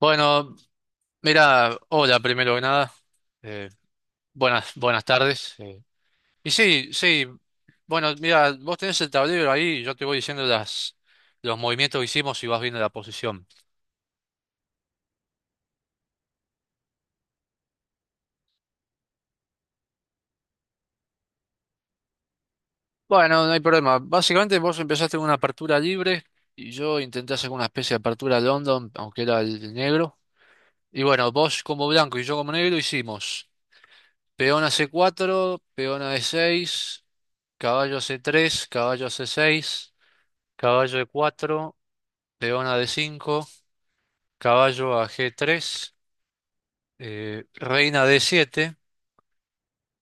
Bueno, mira, hola primero que nada. Eh, buenas tardes. Y sí, sí, bueno, mira, vos tenés el tablero ahí, yo te voy diciendo los movimientos que hicimos y vas viendo la posición. Bueno, no hay problema. Básicamente vos empezaste con una apertura libre y yo intenté hacer una especie de apertura London, aunque era el negro. Y bueno, vos como blanco y yo como negro hicimos peón a c cuatro, peón a e seis, caballo a c tres, caballo a c seis, caballo e cuatro. León a D5, caballo a G3, reina a D7,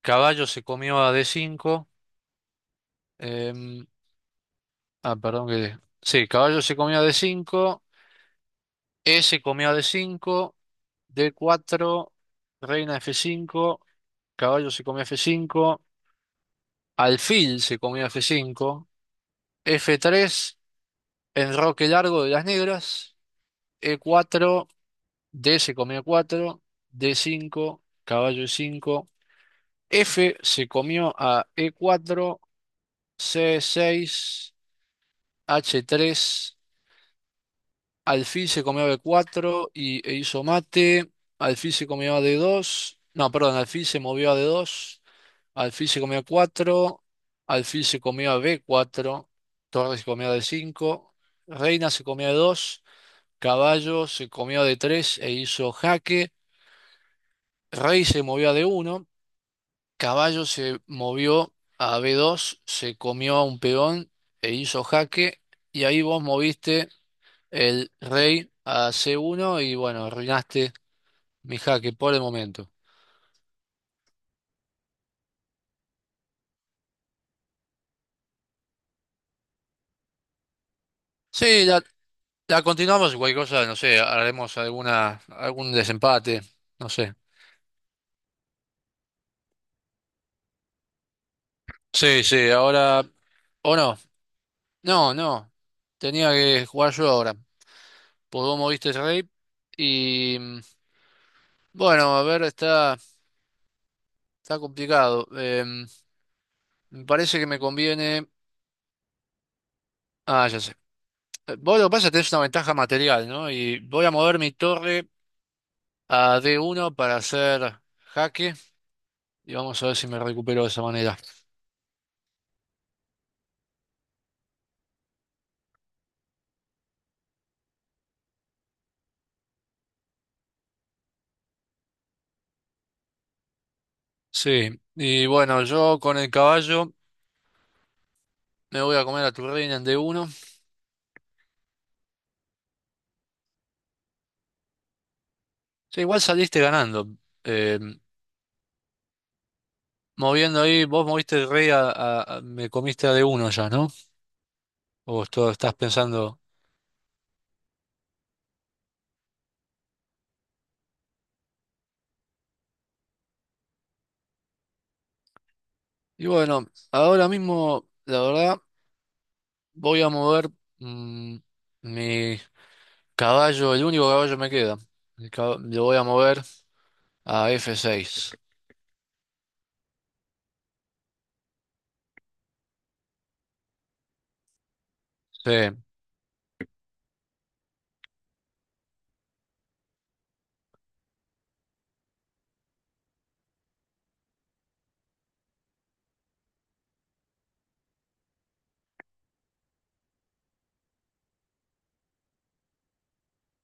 caballo se comió a D5, em, ah, perdón que. Sí, caballo se comió a D5, E se comió a D5, D4, reina F5, caballo se comió a F5, alfil se comió a F5, F3, enroque largo de las negras, E4, D se comió a 4, D5, caballo E5. F se comió a E4, C6, H3, alfil se comió a B4 e hizo mate, alfil se comió a D2, no, perdón, alfil se movió a D2, alfil se comió a 4, alfil se comió a B4, torre se comió a D5, reina se comió a D2, caballo se comió a D3 e hizo jaque, rey se movió a D1, caballo se movió a B2, se comió a un peón e hizo jaque. Y ahí vos moviste el rey a C1 y bueno, arruinaste mi jaque por el momento. Sí, la continuamos, y cualquier cosa, no sé, haremos algún desempate, no sé. Sí, sí, ahora. O no, no, no. Tenía que jugar yo ahora. Pues vos moviste el rey y... mm, bueno, a ver, está complicado. Me parece que me conviene. Ah, ya sé. Vos, lo que pasa es que tenés una ventaja material, ¿no? Y voy a mover mi torre a D1 para hacer jaque. Y vamos a ver si me recupero de esa manera. Sí. Y bueno, yo con el caballo me voy a comer a tu reina en D1. Sí, igual saliste ganando. Eh, moviendo ahí, vos moviste el rey a, me comiste a D1 ya, ¿no? O estás pensando. Y bueno, ahora mismo, la verdad, voy a mover, mm, mi caballo, el único caballo me queda. El cab- lo voy a mover a F6. Sí. Eh,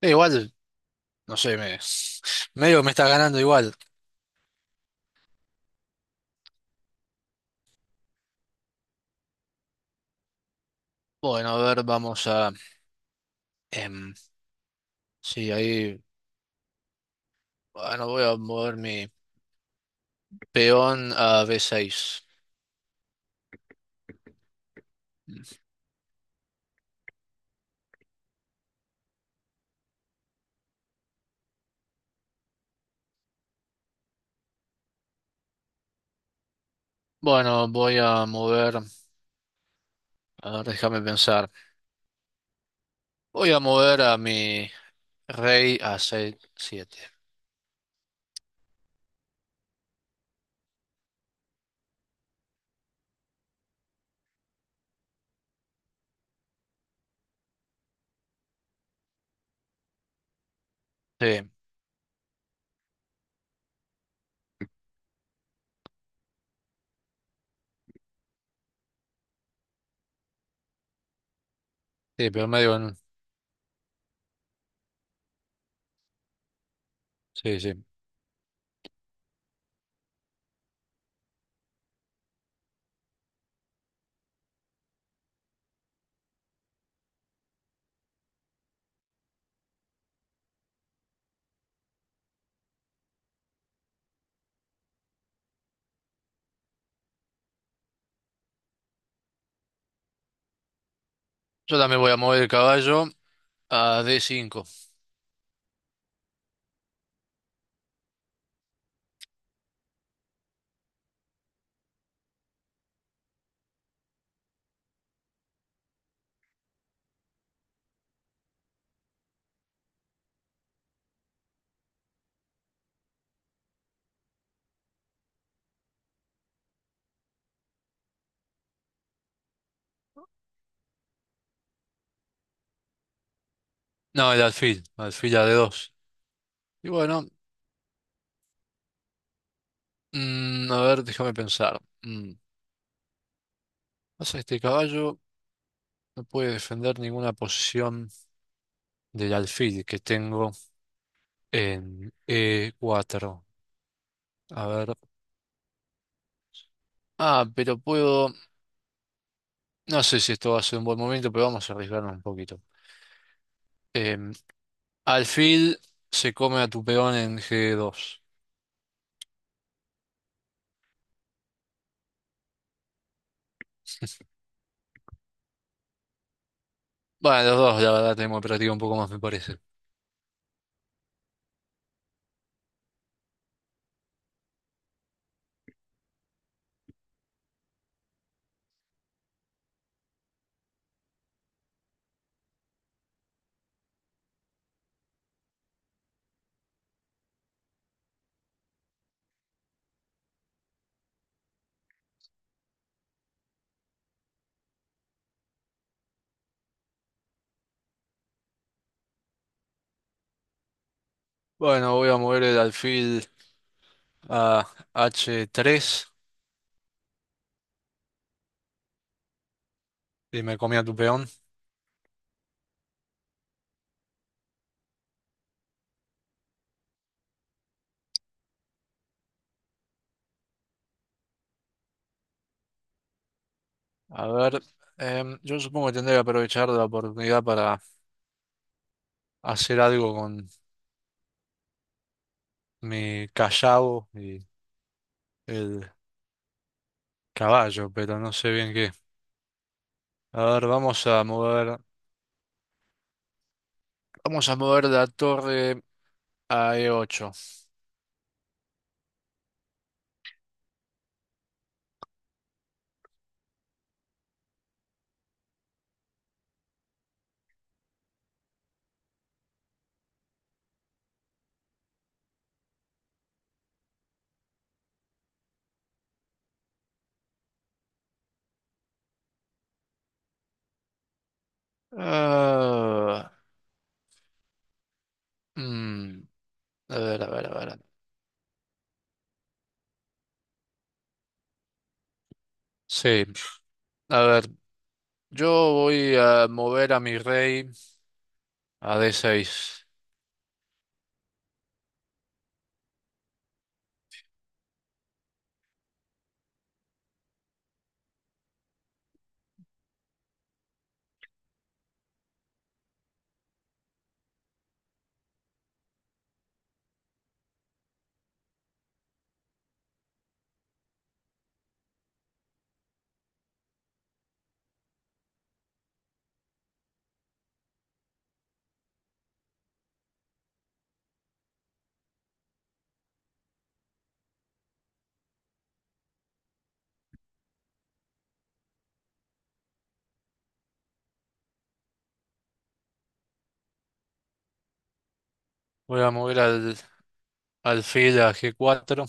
igual, no sé, me, medio me está ganando igual. Bueno, a ver, vamos a, em, sí, ahí, bueno, voy a mover mi peón a B6. Bueno, voy a mover, a ver, déjame pensar. Voy a mover a mi rey a C7. Sí, sí, pero medio. Que no- Sí, sí. Yo también voy a mover el caballo a D5. No, alfil a de dos. Y bueno, a ver, déjame pensar. Pasa que este caballo no puede defender ninguna posición del alfil que tengo en e cuatro. A ver. Ah, pero puedo. No sé si esto va a ser un buen momento, pero vamos a arriesgarnos un poquito. Em, alfil se come a tu peón en g dos. Bueno, los dos, la verdad, tenemos práctica un poco más, me parece. Bueno, voy a mover el alfil a h tres y me comí a tu peón. A ver, yo supongo que tendré que aprovechar la oportunidad para hacer algo con mi callao y el caballo, pero no sé bien qué. A ver, vamos a mover la torre a E8. Ah, mm, a ver, a ver, a ver. Sí, a ver, yo voy a mover a mi rey a D6. Voy a mover al alfil a G4.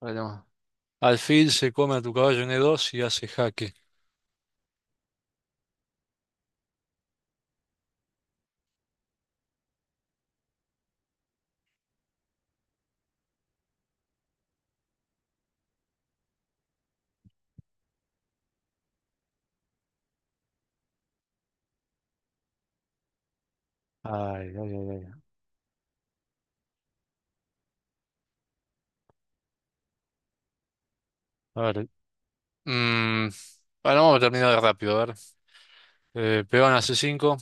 Bueno, alfil se come a tu caballo en E2 y hace jaque. Ay, ay, ay, ay. A ver. mm, bueno, vamos a terminar de rápido. A ver. Peón a C5.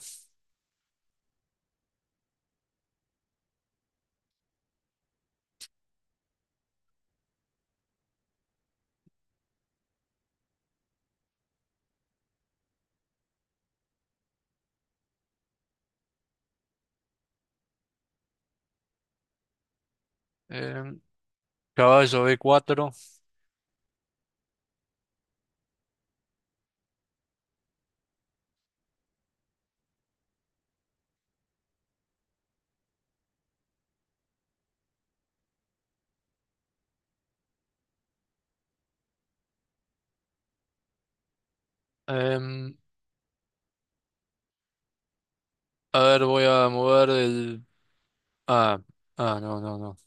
em, caballo b cuatro. em, a ver, voy a mover el. Ah, ah, no, no, no.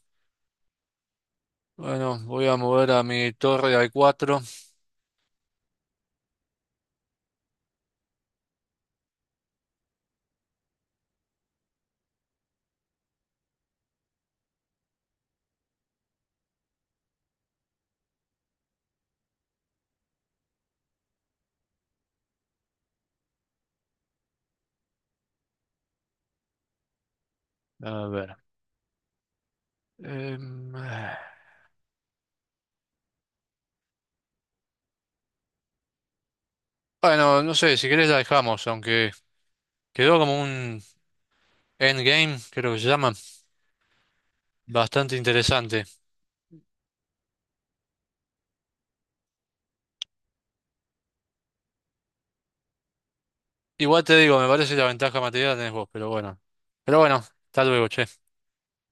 Bueno, voy a mover a mi torre a cuatro. A ver. Ah. bueno, no sé, si querés la dejamos, aunque quedó como un endgame, creo que se llama. Bastante interesante. Igual te digo, me parece la ventaja material tenés vos, pero bueno. Pero bueno, hasta luego, che.